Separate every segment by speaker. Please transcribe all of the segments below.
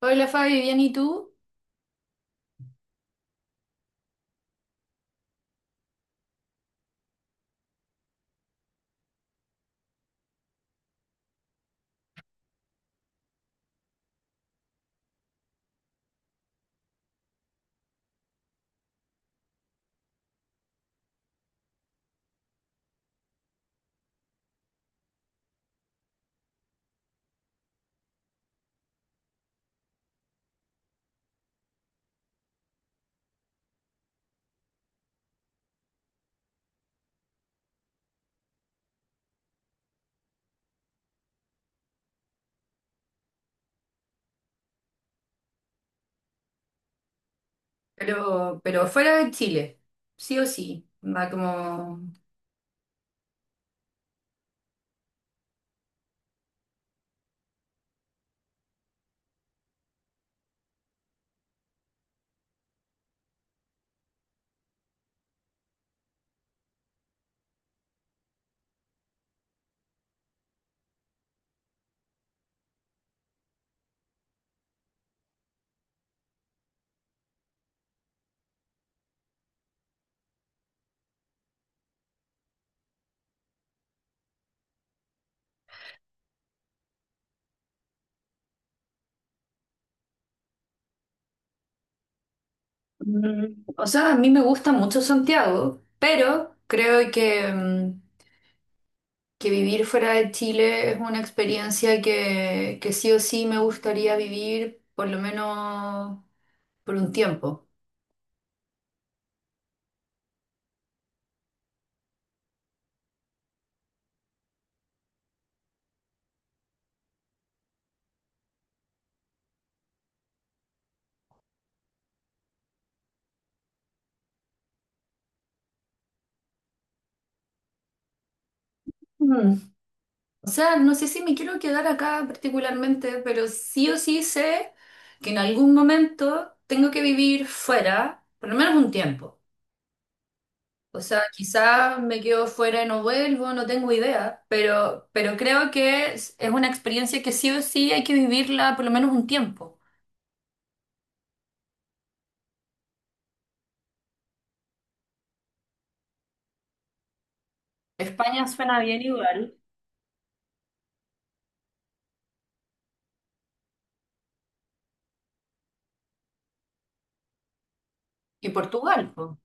Speaker 1: Hola Fabi, bien, ¿y tú? Pero, fuera de Chile, sí o sí. Va como... Mm, o sea, a mí me gusta mucho Santiago, pero creo que, mm, que vivir fuera de Chile es una experiencia que sí o sí me gustaría vivir por lo menos por un tiempo. Mm. O sea, no sé si me quiero quedar acá particularmente, pero sí o sí sé que en algún momento tengo que vivir fuera, por lo menos un tiempo. O sea, quizás me quedo fuera y no vuelvo, no tengo idea, pero, creo que es una experiencia que sí o sí hay que vivirla por lo menos un tiempo. España suena bien igual. Y Portugal, po.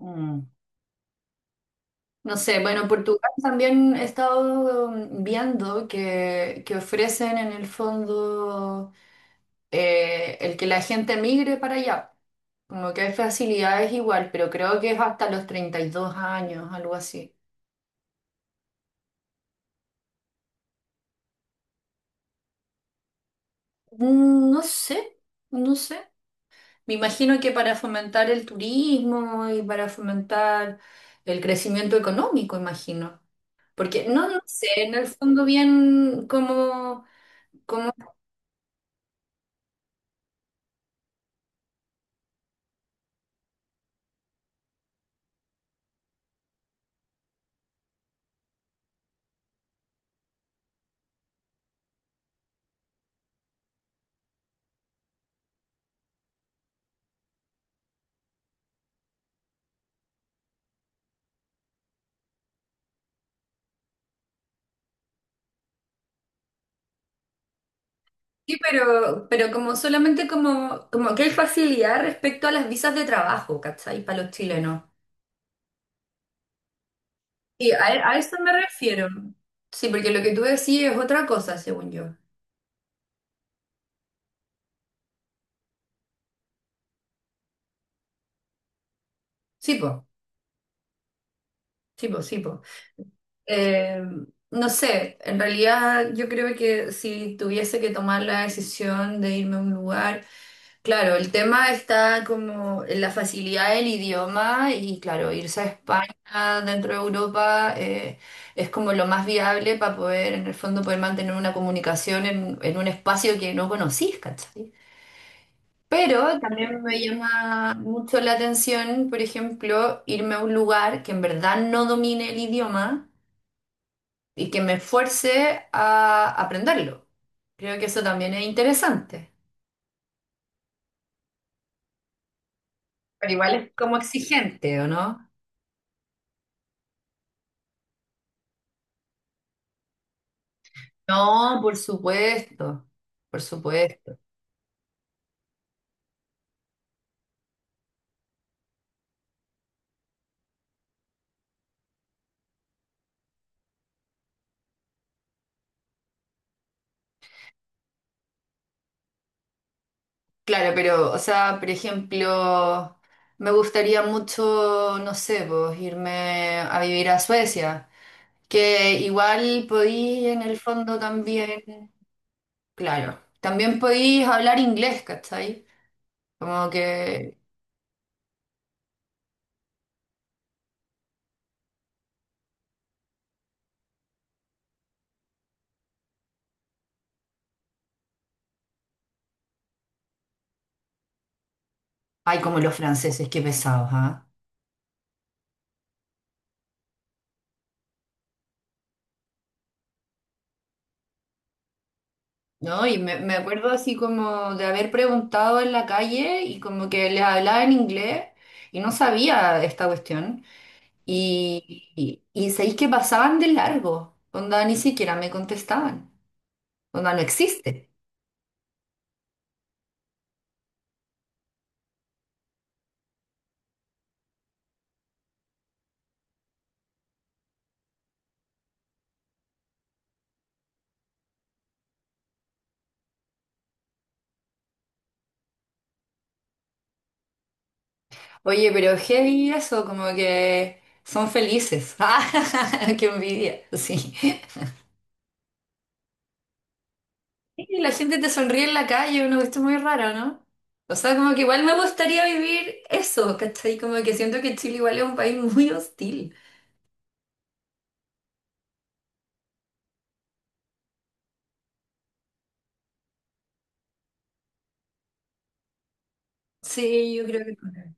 Speaker 1: Mm. No sé, bueno, Portugal también he estado viendo que ofrecen en el fondo el que la gente migre para allá. Como que hay facilidades igual, pero creo que es hasta los 32 años, algo así. Mm, no sé, no sé. Me imagino que para fomentar el turismo y para fomentar el crecimiento económico, imagino. Porque no, no sé en el fondo bien cómo, cómo sí, pero, como solamente como, como que hay facilidad respecto a las visas de trabajo, ¿cachai? Para los chilenos. Y a eso me refiero. Sí, porque lo que tú decís es otra cosa, según yo. Sí, po, sí, po, sí, po. Eh, no sé, en realidad yo creo que si tuviese que tomar la decisión de irme a un lugar, claro, el tema está como en la facilidad del idioma y claro, irse a España dentro de Europa es como lo más viable para poder, en el fondo, poder mantener una comunicación en un espacio que no conocís, ¿cachai? Pero también me llama mucho la atención, por ejemplo, irme a un lugar que en verdad no domine el idioma y que me esfuerce a aprenderlo. Creo que eso también es interesante, pero igual es como exigente, ¿o no? No, por supuesto, por supuesto. Claro, pero, o sea, por ejemplo, me gustaría mucho, no sé, pues, irme a vivir a Suecia, que igual podí en el fondo también, claro, también podí hablar inglés, ¿cachai? Como que, ay, como los franceses, qué pesados, ¿ah? No, y me, acuerdo así como de haber preguntado en la calle y como que les hablaba en inglés y no sabía esta cuestión. Y, y sabéis que pasaban de largo, onda ni siquiera me contestaban, onda no existe. Oye, pero heavy eso, como que son felices. ¡Ah! ¡Qué envidia! Sí. Y la gente te sonríe en la calle, una cuestión muy rara, ¿no? O sea, como que igual me gustaría vivir eso, ¿cachai? Como que siento que Chile igual es un país muy hostil. Sí, yo creo que también.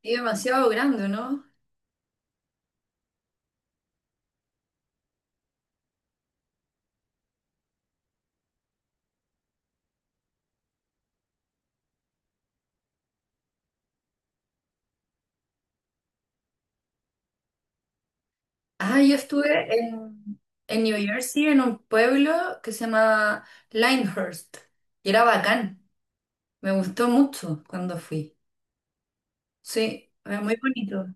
Speaker 1: Y demasiado grande, ¿no? Ah, yo estuve en, en New Jersey, en un pueblo que se llama Linehurst, y era bacán. Me gustó mucho cuando fui. Sí, era muy bonito.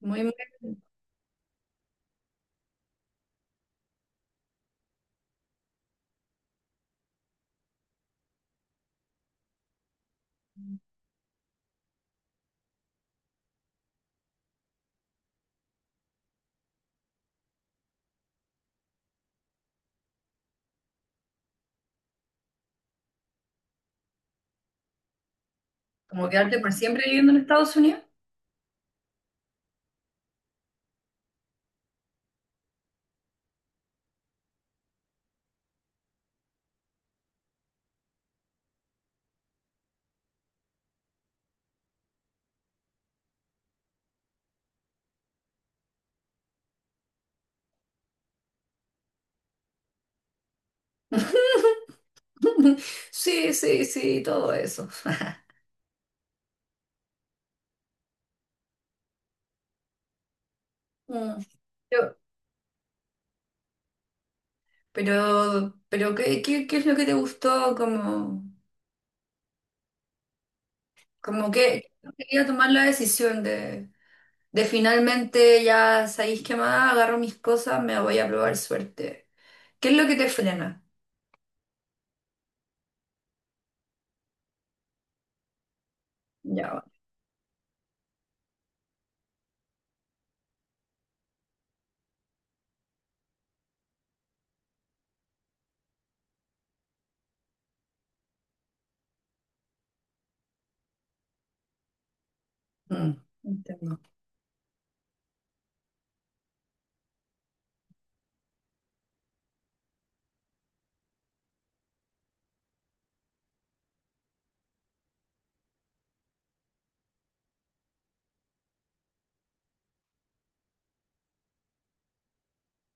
Speaker 1: Muy, como quedarte por siempre viviendo en Estados Unidos. Sí, sí, sí, todo eso. Mm. Pero, ¿qué, qué es lo que te gustó? Como, como que quería tomar la decisión de finalmente ya sabéis qué más, agarro mis cosas, me voy a probar suerte. ¿Qué es lo que te frena? Ya, bueno. Mm, entiendo.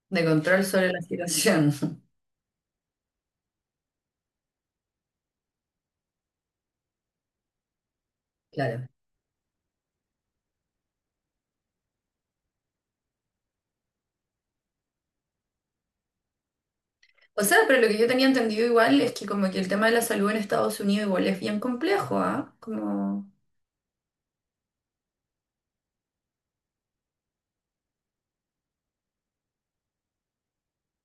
Speaker 1: De control sobre la situación. Claro. O sea, pero lo que yo tenía entendido igual es que como que el tema de la salud en Estados Unidos igual es bien complejo, ¿ah? Como...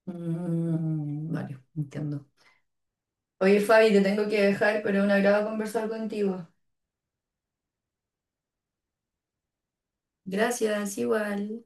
Speaker 1: Mm, vale, entiendo. Oye, Fabi, te tengo que dejar, pero un agrado conversar contigo. Gracias, igual.